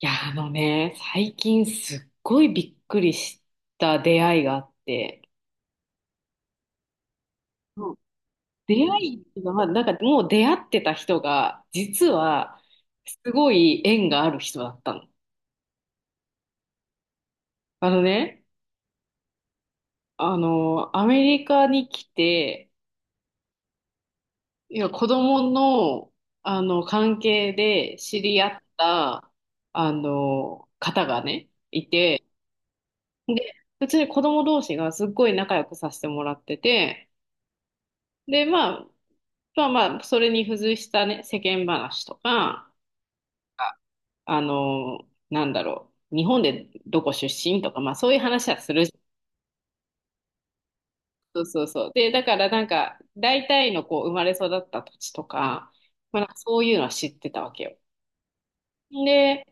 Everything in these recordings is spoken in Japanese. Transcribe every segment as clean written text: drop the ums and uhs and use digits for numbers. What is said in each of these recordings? いや、あのね、最近すっごいびっくりした出会いがあって、うん。出会いっていうか、まあ、なんかもう出会ってた人が、実は、すごい縁がある人だったの。あのね、アメリカに来て、いや、子供の、関係で知り合った、方がね、いて、で、普通に子供同士がすっごい仲良くさせてもらってて、で、まあ、まあまあ、それに付随したね、世間話とか、あなんだろう、日本でどこ出身とか、まあそういう話はするじゃん。そうそうそう。で、だからなんか、大体のこう、生まれ育った土地とか、まあなんかそういうのは知ってたわけよ。で、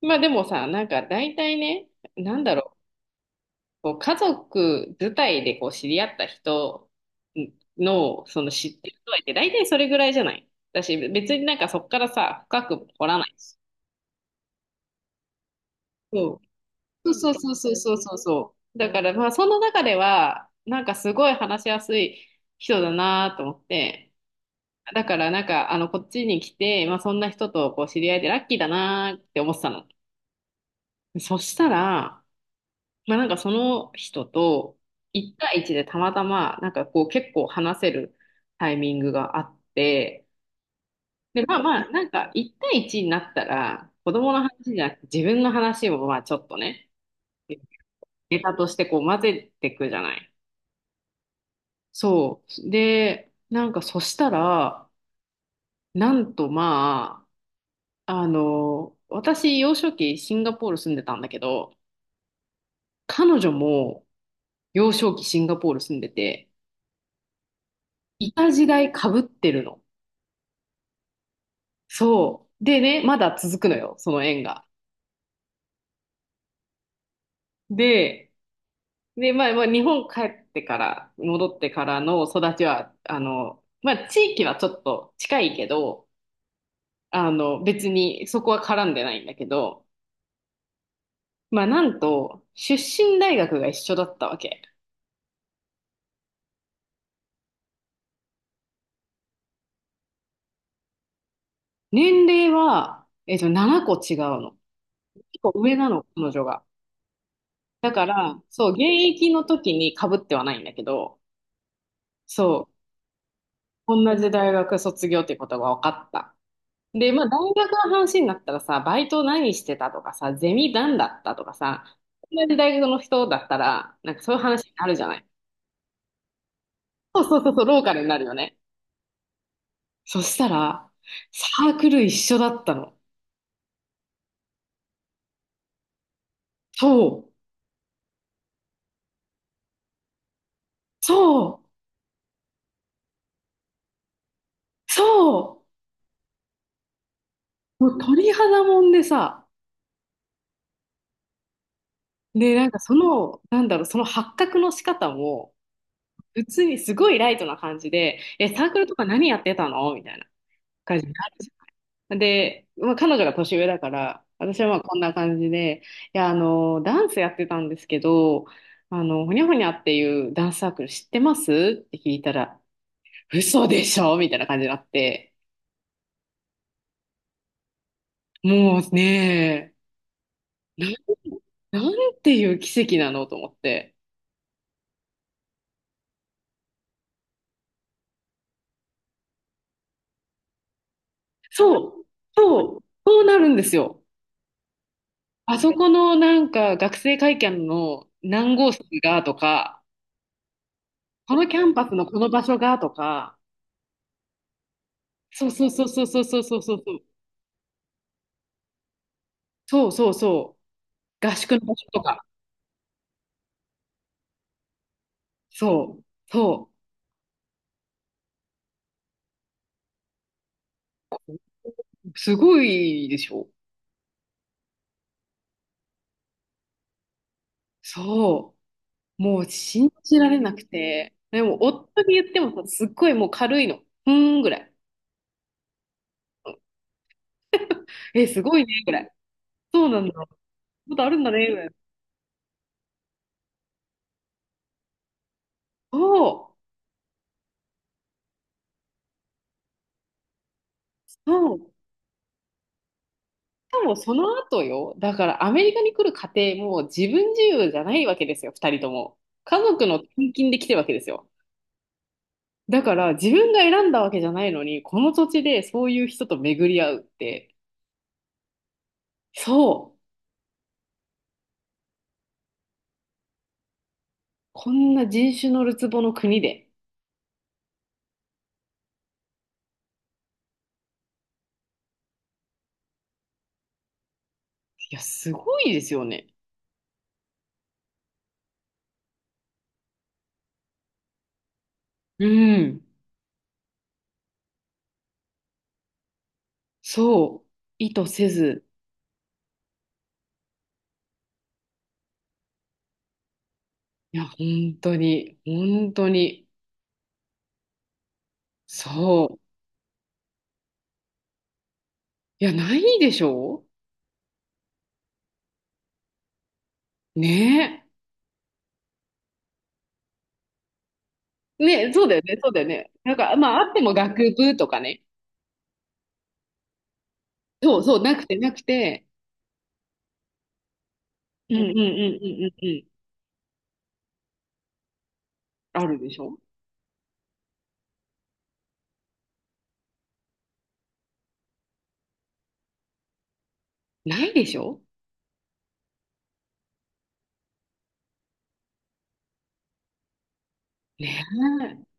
まあでもさ、なんか大体ね、なんだろう、こう家族自体でこう知り合った人の、その知ってる度合いって大体それぐらいじゃないだし、別になんかそこからさ、深く掘らないし。そう。そうそうそうそうそうそう。だからまあその中では、なんかすごい話しやすい人だなと思って、だからなんかこっちに来て、まあそんな人とこう知り合えてラッキーだなって思ってたの。そしたら、まあなんかその人と1対1でたまたまなんかこう結構話せるタイミングがあって、でまあまあなんか1対1になったら子供の話じゃなくて自分の話もまあちょっとね、ネタとしてこう混ぜていくじゃない。そう。で、なんかそしたら、なんとまあ、私幼少期シンガポール住んでたんだけど、彼女も幼少期シンガポール住んでて、いた時代かぶってるの。そう。でね、まだ続くのよ、その縁が。で、で、まあ、まあ、日本帰ってから、戻ってからの育ちは、まあ、地域はちょっと近いけど、別にそこは絡んでないんだけど、まあ、なんと、出身大学が一緒だったわけ。年齢は、7個違うの。結構上なの、彼女が。まあ、そう、現役の時に被ってはないんだけど、そう、同じ大学卒業ってことが分かった。で、まあ、大学の話になったらさ、バイト何してたとかさ、ゼミ何だったとかさ、同じ大学の人だったら、なんかそういう話になるじゃない。そうそうそうそう、ローカルになるよね。そしたら、サークル一緒だったの。そう、そう、そう。もう鳥肌もんでさ、で、なんかその、なんだろう、その発覚の仕方も、普通にすごいライトな感じで、え、サークルとか何やってたのみたいな感じになる。で、まあ、彼女が年上だから、私はまあこんな感じで、いや、ダンスやってたんですけど、ほにゃほにゃっていうダンスサークル知ってますって聞いたら、嘘でしょみたいな感じになって、もうね、な、なんていう奇跡なのと思って。そう、そう、そうなるんですよ。あそこのなんか学生会館の何号室がとか、このキャンパスのこの場所がとか、そうそうそうそうそうそうそうそう。そうそうそう。合宿の場所とか。そう、そう。すごいでしょ。そう。もう信じられなくて。でも、夫に言ってもさ、すっごいもう軽いの。ふーんぐらい。え、すごいね、ぐらい。そうなんだ。ことあるんだね、ぐらい。そう、そう。しかもその後よ。だからアメリカに来る過程も自分自由じゃないわけですよ、二人とも。家族の転勤で来てるわけですよ。だから自分が選んだわけじゃないのに、この土地でそういう人と巡り合うって、そう。こんな人種のるつぼの国で。いや、すごいですよね。うん。そう。意図せず。いや、本当に、本当に。そう。いや、ないでしょうねえ。ねえ、そうだよね、そうだよね。なんか、まあ、あっても学部とかね。そうそう、なくて、なくて。うんうんうんうんうんうん。あるでしょ。ないでしょ。ねえ。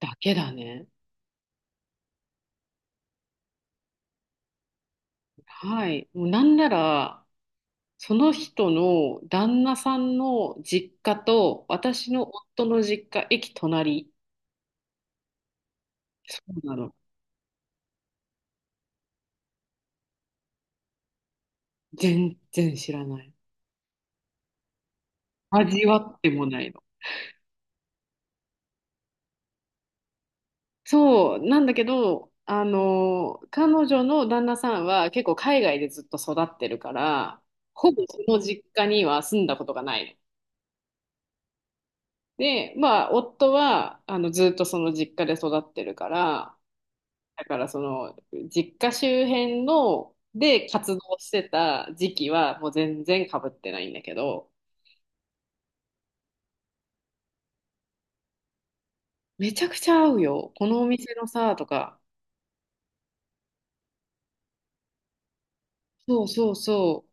だけだね。はい。もうなんなら、その人の旦那さんの実家と私の夫の実家、駅隣。そうなの。全然知らない。味わってもないの。そう、なんだけど、彼女の旦那さんは結構海外でずっと育ってるから、ほぼその実家には住んだことがないの。で、まあ、夫は、ずっとその実家で育ってるから、だからその実家周辺ので活動してた時期はもう全然かぶってないんだけど、めちゃくちゃ合うよ。このお店のさ、とか。そうそうそう。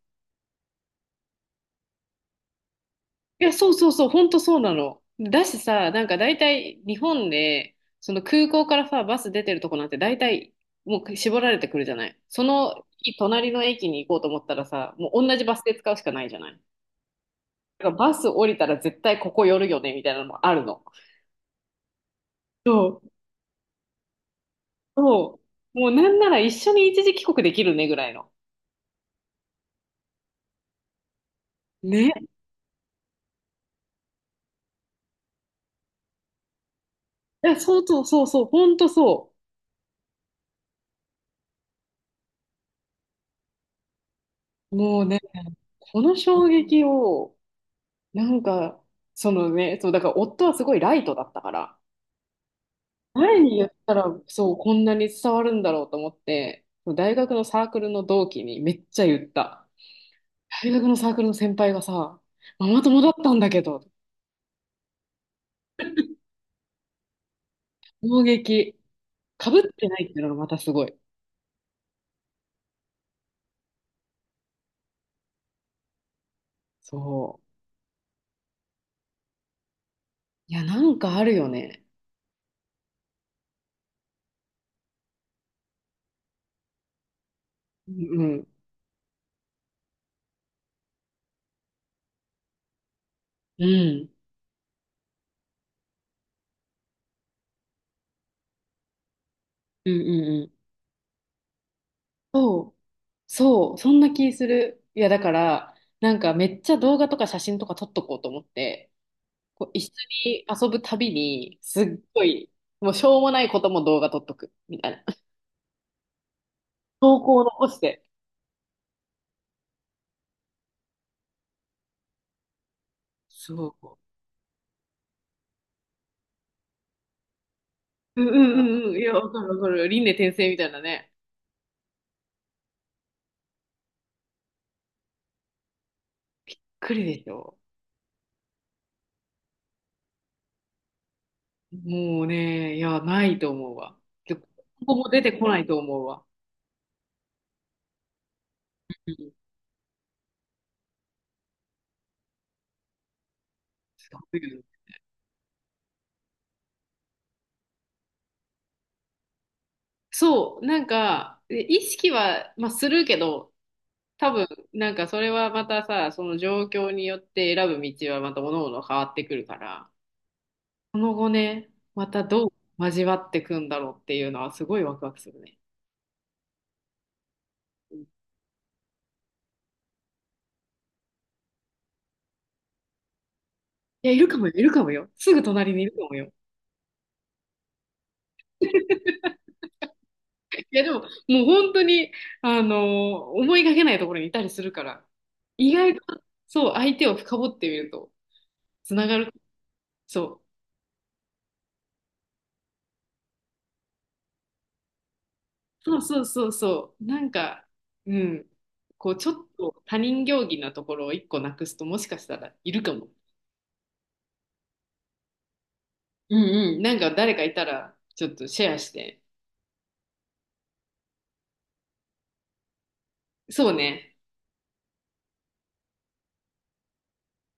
いや、そうそうそう、ほんとそうなの。だしさ、なんか大体日本で、その空港からさ、バス出てるとこなんて大体もう絞られてくるじゃない。その隣の駅に行こうと思ったらさ、もう同じバスで使うしかないじゃない。だからバス降りたら絶対ここ寄るよね、みたいなのもあるの。そうそう。もうなんなら一緒に一時帰国できるねぐらいの。ね。いや、そうそうそうそう、ほんとそう。もうね、この衝撃を、なんか、そのね、そう、だから夫はすごいライトだったから、前に言ったら、そう、こんなに伝わるんだろうと思って、大学のサークルの同期にめっちゃ言った。大学のサークルの先輩がさ、ママ友だったんだけど、衝撃。かぶってないっていうのがまたすごい。そう。いや、なんかあるよね。うん。うん。うんうんうん。そう、そう、そんな気する。いや、だから、なんかめっちゃ動画とか写真とか撮っとこうと思って、こう一緒に遊ぶたびに、すっごい、もうしょうもないことも動画撮っとく、みたいな。投稿を残して。そう。うんうんうんうん。いや、わかるわかる。輪廻転生みたいなね。来るでしょ。もうね、いや、ないと思うわ。でここも出てこないと思うわ。うん。すごいよね。そう、なんか、意識は、まあ、するけど、多分、なんかそれはまたさ、その状況によって選ぶ道はまた各々変わってくるから、その後ね、またどう交わってくんだろうっていうのはすごいワクワクするね。うん。いや、いるかもよ、いるかもよ。すぐ隣にいるかもよ。いや、でも、もう本当に、あのー思いがけないところにいたりするから、意外と、そう、相手を深掘ってみると、つながる。そう。そうそうそうそう。なんか、うん。こう、ちょっと他人行儀なところを一個なくすと、もしかしたらいるかも。うんうん。なんか誰かいたら、ちょっとシェアして。そうね。